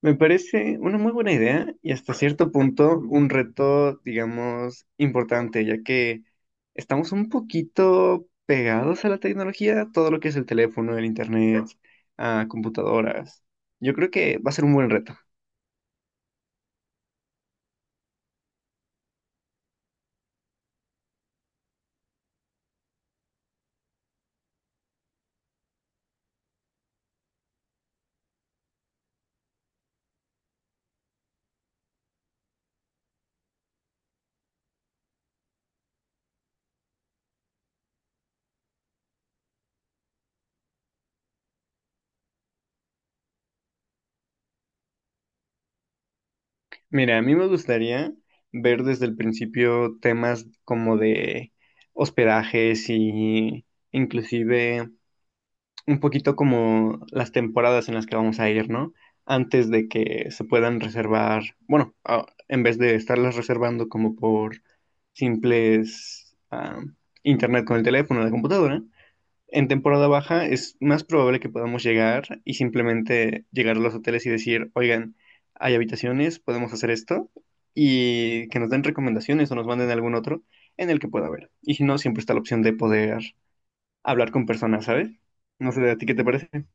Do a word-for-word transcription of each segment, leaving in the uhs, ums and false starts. Me parece una muy buena idea y hasta cierto punto un reto, digamos, importante, ya que estamos un poquito pegados a la tecnología, todo lo que es el teléfono, el internet, a computadoras. Yo creo que va a ser un buen reto. Mira, a mí me gustaría ver desde el principio temas como de hospedajes y inclusive un poquito como las temporadas en las que vamos a ir, ¿no? Antes de que se puedan reservar, bueno, a- en vez de estarlas reservando como por simples ah, internet con el teléfono o la computadora, en temporada baja es más probable que podamos llegar y simplemente llegar a los hoteles y decir, oigan, hay habitaciones, podemos hacer esto, y que nos den recomendaciones o nos manden algún otro en el que pueda haber. Y si no, siempre está la opción de poder hablar con personas, ¿sabes? No sé, ¿a ti qué te parece?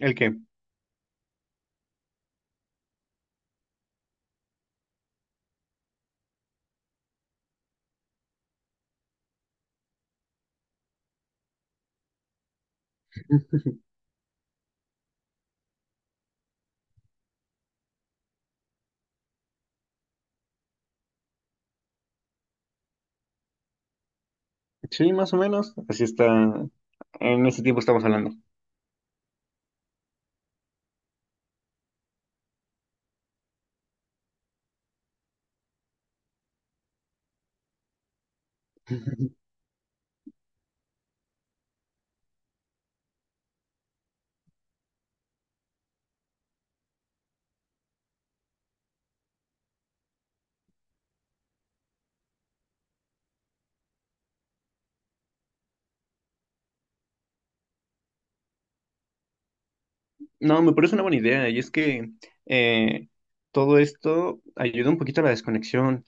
¿El qué? Sí, más o menos. Así está. En ese tiempo estamos hablando. No, me parece una buena idea. Y es que eh, todo esto ayuda un poquito a la desconexión.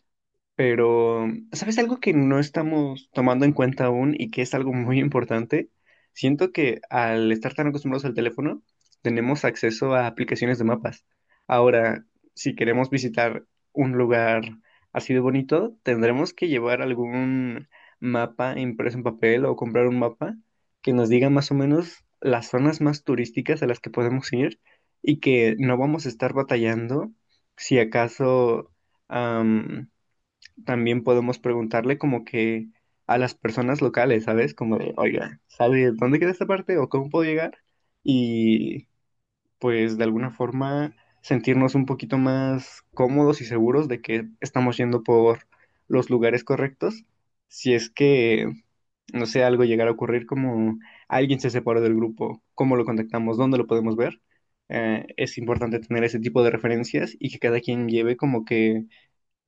Pero, ¿sabes algo que no estamos tomando en cuenta aún y que es algo muy importante? Siento que al estar tan acostumbrados al teléfono, tenemos acceso a aplicaciones de mapas. Ahora, si queremos visitar un lugar así de bonito, tendremos que llevar algún mapa impreso en papel o comprar un mapa que nos diga más o menos las zonas más turísticas a las que podemos ir y que no vamos a estar batallando si acaso también podemos preguntarle como que a las personas locales, ¿sabes? Como de, oiga, ¿sabe dónde queda esta parte o cómo puedo llegar? Y pues de alguna forma sentirnos un poquito más cómodos y seguros de que estamos yendo por los lugares correctos. Si es que, no sé, algo llegara a ocurrir como alguien se separó del grupo, ¿cómo lo contactamos? ¿Dónde lo podemos ver? Eh, es importante tener ese tipo de referencias y que cada quien lleve como que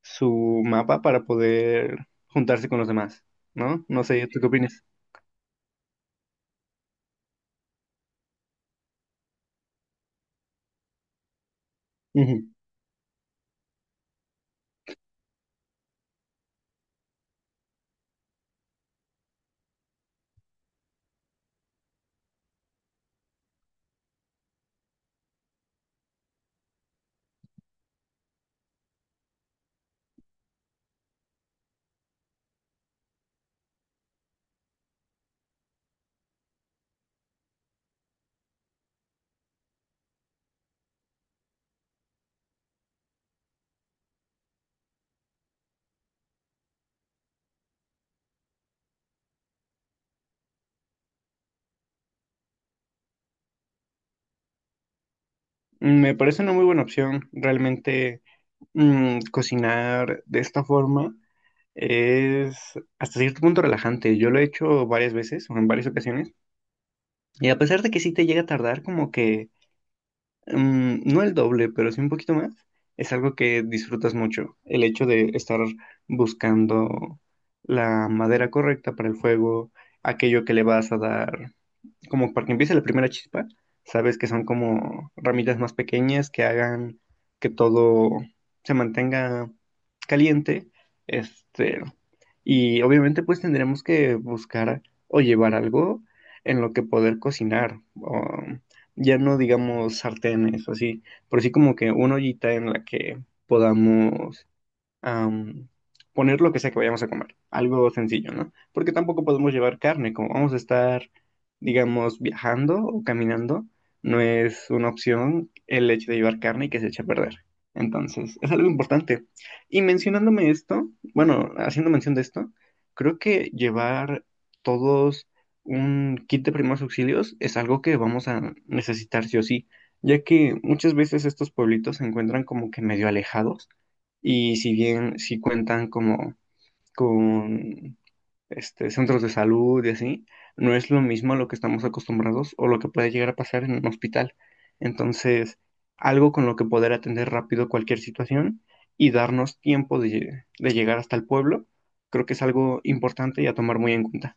su mapa para poder juntarse con los demás, ¿no? No sé, ¿tú qué opinas? Ujú. Me parece una muy buena opción. Realmente mm, cocinar de esta forma es hasta cierto punto relajante. Yo lo he hecho varias veces o en varias ocasiones y a pesar de que sí te llega a tardar como que mm, no el doble, pero sí un poquito más, es algo que disfrutas mucho. El hecho de estar buscando la madera correcta para el fuego, aquello que le vas a dar como para que empiece la primera chispa, sabes que son como ramitas más pequeñas que hagan que todo se mantenga caliente, este, y obviamente pues tendremos que buscar o llevar algo en lo que poder cocinar, o ya no digamos sartenes o así, pero sí como que una ollita en la que podamos am, poner lo que sea que vayamos a comer, algo sencillo, ¿no? Porque tampoco podemos llevar carne, como vamos a estar, digamos, viajando o caminando, no es una opción el hecho de llevar carne y que se eche a perder. Entonces, es algo importante. Y mencionándome esto, bueno, haciendo mención de esto, creo que llevar todos un kit de primeros auxilios es algo que vamos a necesitar sí o sí, ya que muchas veces estos pueblitos se encuentran como que medio alejados y si bien sí cuentan como con este, centros de salud y así, no es lo mismo a lo que estamos acostumbrados o lo que puede llegar a pasar en un hospital. Entonces, algo con lo que poder atender rápido cualquier situación y darnos tiempo de, lle- de llegar hasta el pueblo, creo que es algo importante y a tomar muy en cuenta.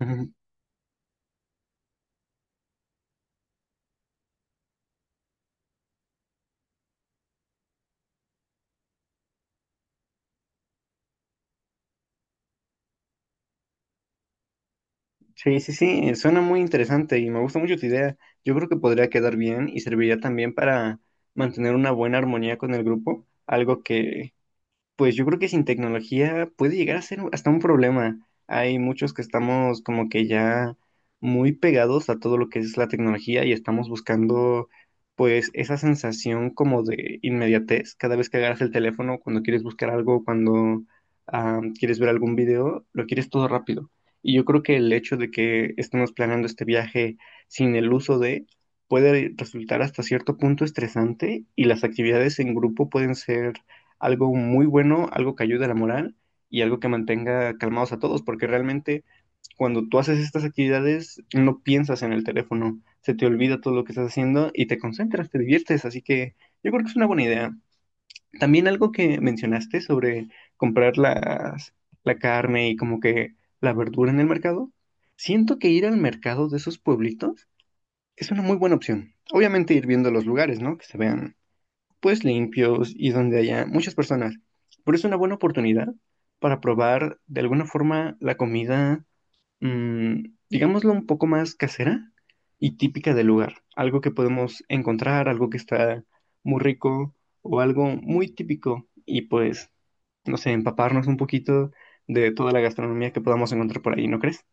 Ujú. Sí, sí, sí, suena muy interesante y me gusta mucho tu idea. Yo creo que podría quedar bien y serviría también para mantener una buena armonía con el grupo, algo que... Pues yo creo que sin tecnología puede llegar a ser hasta un problema. Hay muchos que estamos como que ya muy pegados a todo lo que es la tecnología y estamos buscando pues esa sensación como de inmediatez cada vez que agarras el teléfono, cuando quieres buscar algo, cuando ah, quieres ver algún video, lo quieres todo rápido. Y yo creo que el hecho de que estemos planeando este viaje sin el uso de... puede resultar hasta cierto punto estresante y las actividades en grupo pueden ser algo muy bueno, algo que ayude a la moral y algo que mantenga calmados a todos, porque realmente cuando tú haces estas actividades no piensas en el teléfono, se te olvida todo lo que estás haciendo y te concentras, te diviertes, así que yo creo que es una buena idea. También algo que mencionaste sobre comprar las, la carne y como que la verdura en el mercado, siento que ir al mercado de esos pueblitos es una muy buena opción. Obviamente ir viendo los lugares, ¿no? Que se vean pues limpios y donde haya muchas personas. Pero es una buena oportunidad para probar de alguna forma la comida, mm, digámoslo, un poco más casera y típica del lugar. Algo que podemos encontrar, algo que está muy rico o algo muy típico y pues, no sé, empaparnos un poquito de toda la gastronomía que podamos encontrar por ahí, ¿no crees?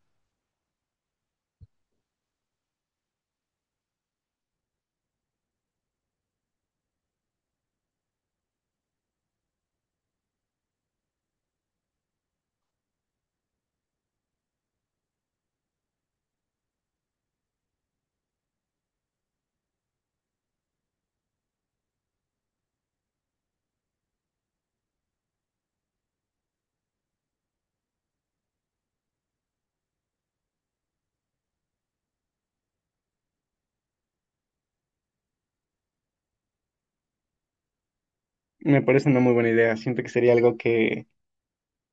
Me parece una muy buena idea. Siento que sería algo que,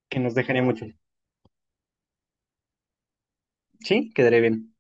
que nos dejaría mucho. Sí, quedaría bien.